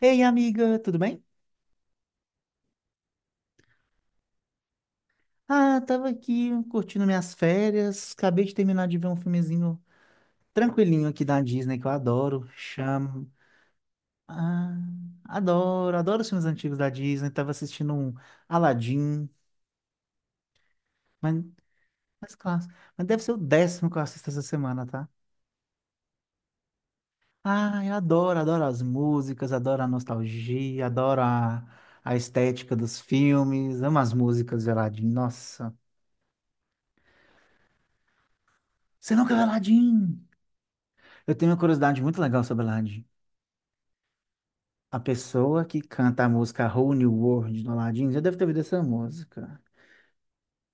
Ei, amiga, tudo bem? Ah, tava aqui curtindo minhas férias. Acabei de terminar de ver um filmezinho tranquilinho aqui da Disney que eu adoro. Chama. Ah, adoro os filmes antigos da Disney. Tava assistindo um Aladdin, mas, mas clássico. Mas deve ser o décimo que eu assisto essa semana, tá? Ah, eu adoro as músicas, adoro a nostalgia, a estética dos filmes. Amo as músicas de Aladdin. Nossa, você nunca viu Aladdin? Eu tenho uma curiosidade muito legal sobre Aladdin. A pessoa que canta a música Whole New World do Aladdin já deve ter ouvido essa música.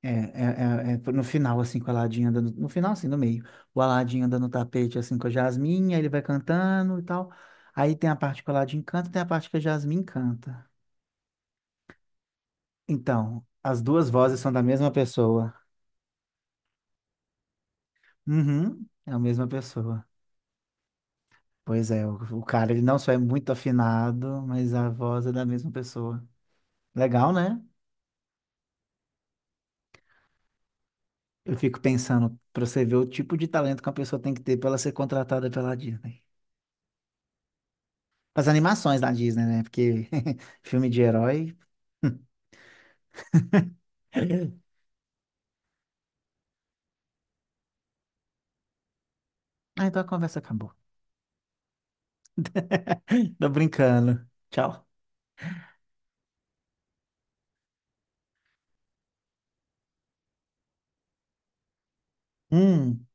É no final, assim, com o Aladdin andando. No final, assim, no meio. O Aladdin andando no tapete, assim, com a Jasmine, aí ele vai cantando e tal. Aí tem a parte que o Aladdin canta e tem a parte que a Jasmine canta. Então, as duas vozes são da mesma pessoa. Uhum, é a mesma pessoa. Pois é, o cara, ele não só é muito afinado, mas a voz é da mesma pessoa. Legal, né? Eu fico pensando, pra você ver o tipo de talento que uma pessoa tem que ter pra ela ser contratada pela Disney. As animações da Disney, né? Porque filme de herói. Ah, então a conversa acabou. Tô brincando. Tchau. Hum.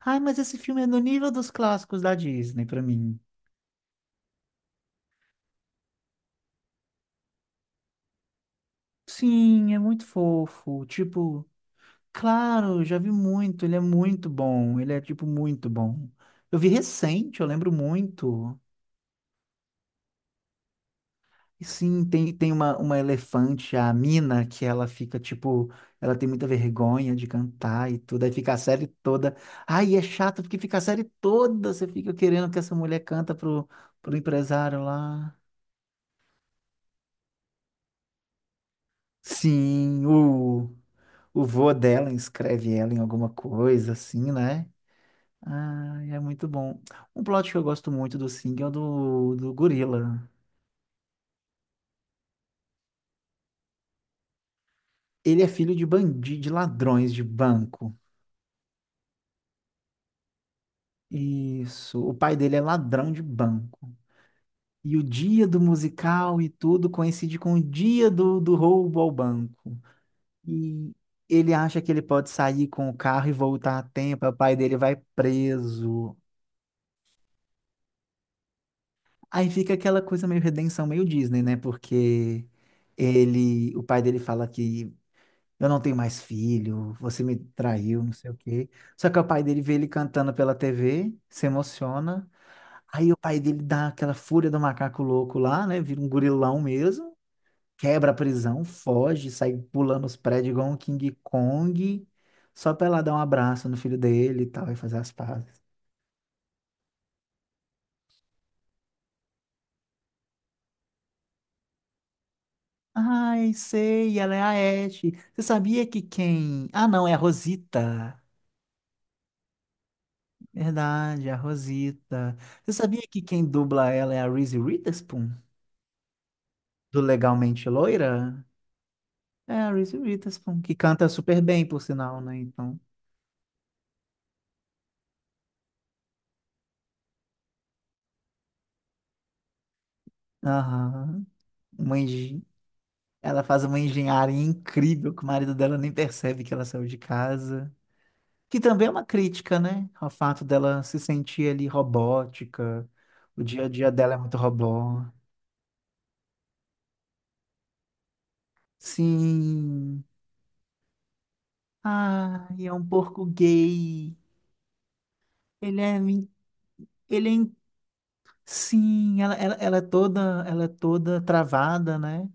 Ai, mas esse filme é no nível dos clássicos da Disney pra mim. Sim, é muito fofo. Tipo, claro, já vi muito. Ele é muito bom. Ele é, tipo, muito bom. Eu vi recente, eu lembro muito. E sim, tem uma elefante, a Mina, que ela fica tipo, ela tem muita vergonha de cantar e tudo, aí fica a série toda. Ai, é chato porque fica a série toda, você fica querendo que essa mulher canta pro, pro empresário lá. Sim, o vô dela inscreve ela em alguma coisa, assim, né? Ai, é muito bom. Um plot que eu gosto muito do Sing é o do, do gorila. Ele é filho de bandido, de ladrões de banco. Isso. O pai dele é ladrão de banco. E o dia do musical e tudo coincide com o dia do, do roubo ao banco. E ele acha que ele pode sair com o carro e voltar a tempo. Aí o pai dele vai preso. Aí fica aquela coisa meio redenção, meio Disney, né? Porque ele, o pai dele fala que eu não tenho mais filho, você me traiu, não sei o quê. Só que o pai dele vê ele cantando pela TV, se emociona. Aí o pai dele dá aquela fúria do macaco louco lá, né? Vira um gorilão mesmo, quebra a prisão, foge, sai pulando os prédios igual um King Kong, só pra ela dar um abraço no filho dele e tal, e fazer as pazes. Ai, sei, ela é a Ashe. Você sabia que quem. Ah, não, é a Rosita. Verdade, a Rosita. Você sabia que quem dubla ela é a Reese Witherspoon? Do Legalmente Loira? É a Reese Witherspoon, que canta super bem, por sinal, né? Então, aham. Uma engen- Ela faz uma engenharia incrível que o marido dela nem percebe que ela saiu de casa. Que também é uma crítica, né? Ao fato dela se sentir ali robótica. O dia a dia dela é muito robô. Sim. Ah, e é um porco gay. Ele é, min- ele é. Sim, ela é toda, ela é toda travada, né?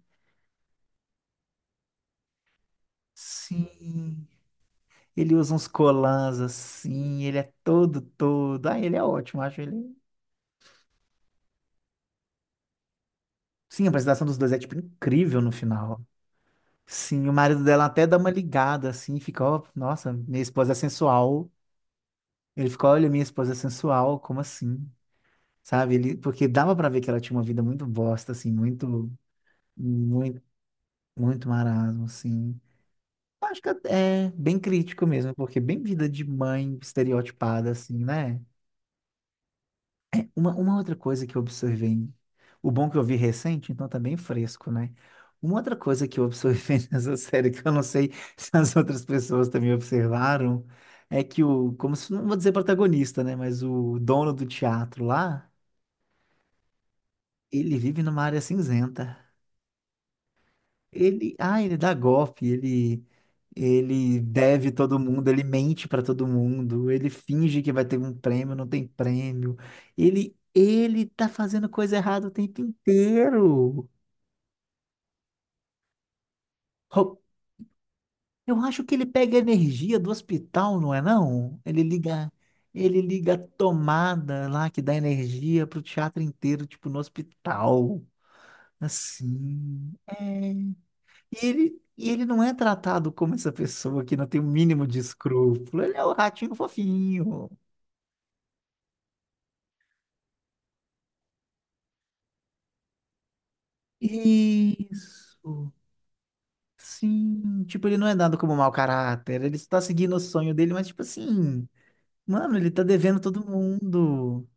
Sim. Ele usa uns colãs assim, ele é todo, todo. Ah, ele é ótimo, acho ele. Sim, a apresentação dos dois é tipo incrível no final. Sim, o marido dela até dá uma ligada assim, fica, ó, nossa, minha esposa é sensual. Ele fica, olha, minha esposa é sensual, como assim? Sabe? Ele, porque dava pra ver que ela tinha uma vida muito bosta assim, muito muito muito marasmo, assim. Acho que é bem crítico mesmo, porque bem vida de mãe estereotipada, assim, né? É, uma outra coisa que eu observei, o bom que eu vi recente, então tá bem fresco, né? Uma outra coisa que eu observei nessa série, que eu não sei se as outras pessoas também observaram, é que o, como se, não vou dizer protagonista, né? Mas o dono do teatro lá, ele vive numa área cinzenta. Ele, ah, ele dá golpe, ele ele deve todo mundo, ele mente para todo mundo, ele finge que vai ter um prêmio, não tem prêmio. Ele tá fazendo coisa errada o tempo inteiro. Rou- Eu acho que ele pega energia do hospital, não é não? Ele liga a tomada lá que dá energia pro teatro inteiro, tipo no hospital. Assim. É. E ele não é tratado como essa pessoa que não tem o mínimo de escrúpulo. Ele é o ratinho fofinho. Isso. Sim. Tipo, ele não é dado como mau caráter. Ele está seguindo o sonho dele, mas, tipo assim, mano, ele tá devendo todo mundo.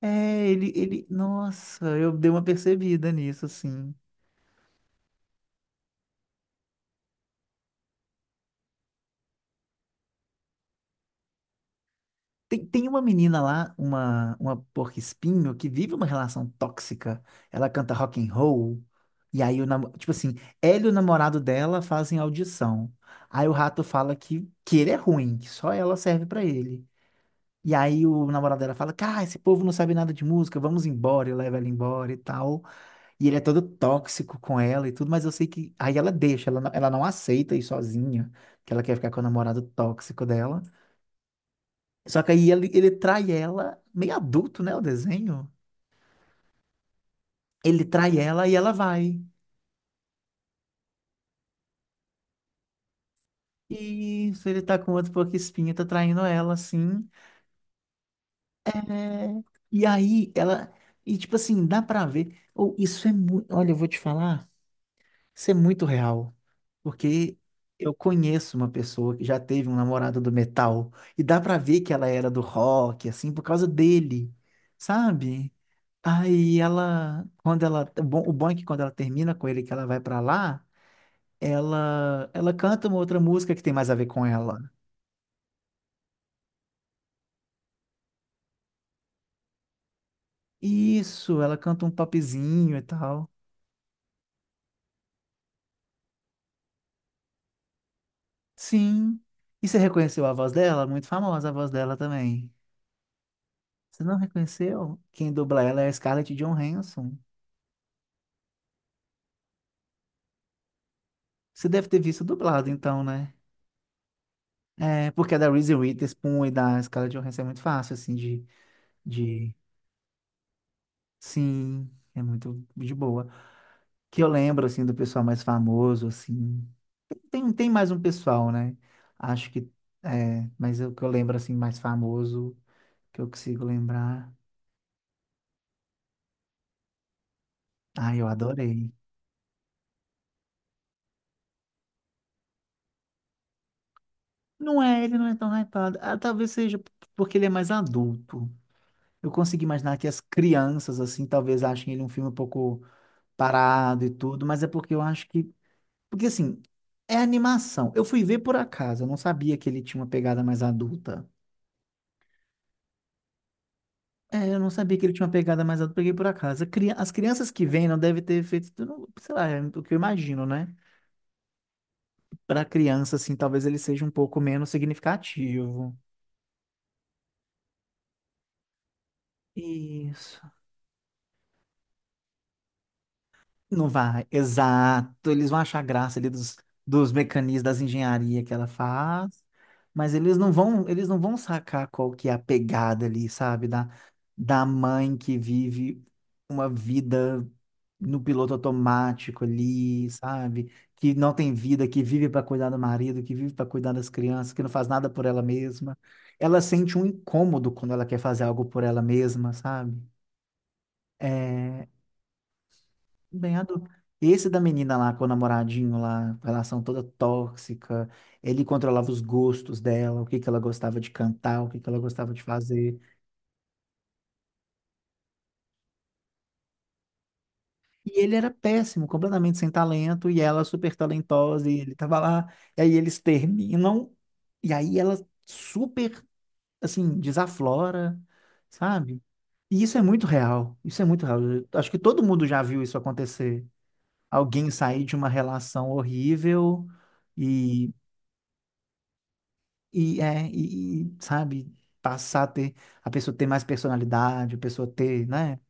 É, ele. Nossa, eu dei uma percebida nisso, assim. Tem uma menina lá, uma porco-espinho, que vive uma relação tóxica. Ela canta rock and roll. E aí, o namo- tipo assim, ela e o namorado dela fazem audição. Aí o rato fala que ele é ruim, que só ela serve pra ele. E aí o namorado dela fala, cara, esse povo não sabe nada de música, vamos embora, e leva ela embora e tal. E ele é todo tóxico com ela e tudo, mas eu sei que... Aí ela deixa, ela não aceita ir sozinha, que ela quer ficar com o namorado tóxico dela. Só que aí ele trai ela, meio adulto, né, o desenho? Ele trai ela e ela vai. E isso, ele tá com outro porco-espinho, tá traindo ela, assim. É, e aí, ela... E, tipo assim, dá pra ver... Ou isso é muito... Olha, eu vou te falar, isso é muito real. Porque eu conheço uma pessoa que já teve um namorado do metal. E dá pra ver que ela era do rock, assim, por causa dele, sabe? Aí ela... Quando ela... O bom é que quando ela termina com ele, que ela vai pra lá... ela canta uma outra música que tem mais a ver com ela. Isso, ela canta um popzinho e tal. Sim. E você reconheceu a voz dela? Muito famosa a voz dela também. Você não reconheceu? Quem dubla ela é a Scarlett Johansson. Você deve ter visto dublado, então, né? É, porque a da Reese Witherspoon e da Scarlett Johansson é muito fácil, assim, de... Sim, é muito de boa. Que eu lembro, assim, do pessoal mais famoso, assim. Tem mais um pessoal, né? Acho que é, mas o que eu lembro assim mais famoso que eu consigo lembrar. Ai, eu adorei. Não é, ele não é tão hypado. Ah, talvez seja porque ele é mais adulto. Eu consigo imaginar que as crianças assim talvez achem ele um filme um pouco parado e tudo, mas é porque eu acho que porque assim, é animação. Eu fui ver por acaso, eu não sabia que ele tinha uma pegada mais adulta. É, eu não sabia que ele tinha uma pegada mais alta, peguei por acaso. As crianças que vêm não devem ter feito, eu não- sei lá, é o que eu imagino, né? Para criança, assim, talvez ele seja um pouco menos significativo. Isso. Não vai, exato. Eles vão achar graça ali dos mecanismos das engenharia que ela faz, mas eles não vão sacar qual que é a pegada ali, sabe? Da mãe que vive uma vida no piloto automático ali, sabe? Que não tem vida, que vive para cuidar do marido, que vive para cuidar das crianças, que não faz nada por ela mesma. Ela sente um incômodo quando ela quer fazer algo por ela mesma, sabe? É, bem adulto. Esse da menina lá com o namoradinho lá, relação toda tóxica, ele controlava os gostos dela, o que que ela gostava de cantar, o que que ela gostava de fazer. E ele era péssimo, completamente sem talento, e ela super talentosa, e ele tava lá, e aí eles terminam, e aí ela super, assim, desaflora, sabe? E isso é muito real, isso é muito real. Eu acho que todo mundo já viu isso acontecer. Alguém sair de uma relação horrível e sabe, passar a ter, a pessoa ter mais personalidade, a pessoa ter, né?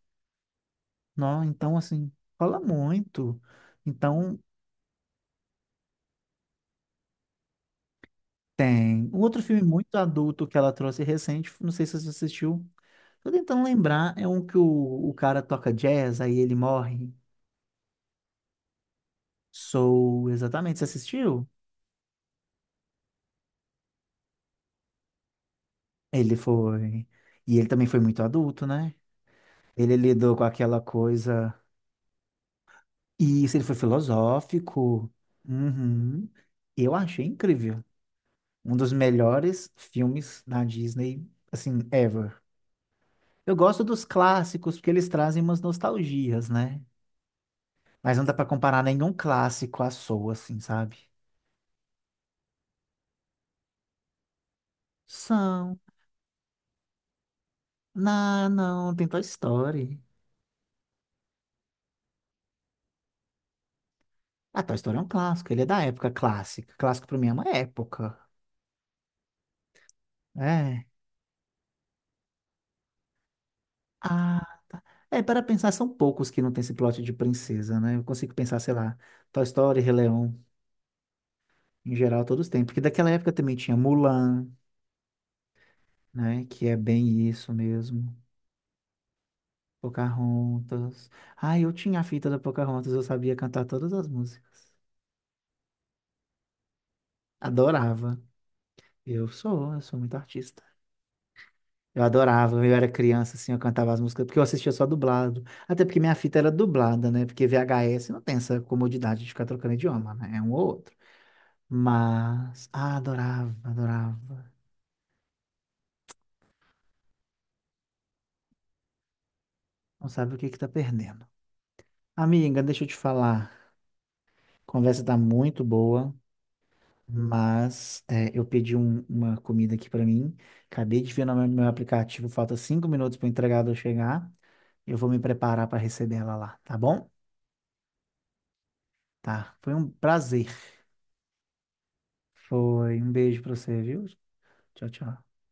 Não, então, assim, rola muito. Então, tem. Um outro filme muito adulto que ela trouxe recente, não sei se você assistiu, tô tentando lembrar, é um que o cara toca jazz, aí ele morre. Soul, exatamente, você assistiu? Ele foi. E ele também foi muito adulto, né? Ele lidou com aquela coisa. E isso, ele foi filosófico. Uhum. Eu achei incrível. Um dos melhores filmes da Disney, assim, ever. Eu gosto dos clássicos porque eles trazem umas nostalgias, né? Mas não dá pra comparar nenhum clássico à sua, assim, sabe? São. Não, não, tem Toy Story. Ah, Toy Story é um clássico, ele é da época clássica. Clássico pra mim é uma época. É. Ah, é, para pensar, são poucos que não tem esse plot de princesa, né? Eu consigo pensar, sei lá, Toy Story, Rei Leão, em geral, todos têm. Porque daquela época também tinha Mulan, né? Que é bem isso mesmo. Pocahontas. Ah, eu tinha a fita da Pocahontas, eu sabia cantar todas as músicas. Adorava. Eu sou muito artista. Eu adorava, eu era criança, assim, eu cantava as músicas, porque eu assistia só dublado. Até porque minha fita era dublada, né? Porque VHS não tem essa comodidade de ficar trocando idioma, né? É um ou outro. Mas, ah, adorava. Não sabe o que que tá perdendo. Amiga, deixa eu te falar. A conversa tá muito boa, mas é, eu pedi uma comida aqui pra mim. Acabei de ver no meu, meu aplicativo, falta 5 minutos para o entregador chegar. Eu vou me preparar para receber ela lá, tá bom? Tá. Foi um prazer. Foi um beijo pra você, viu? Tchau.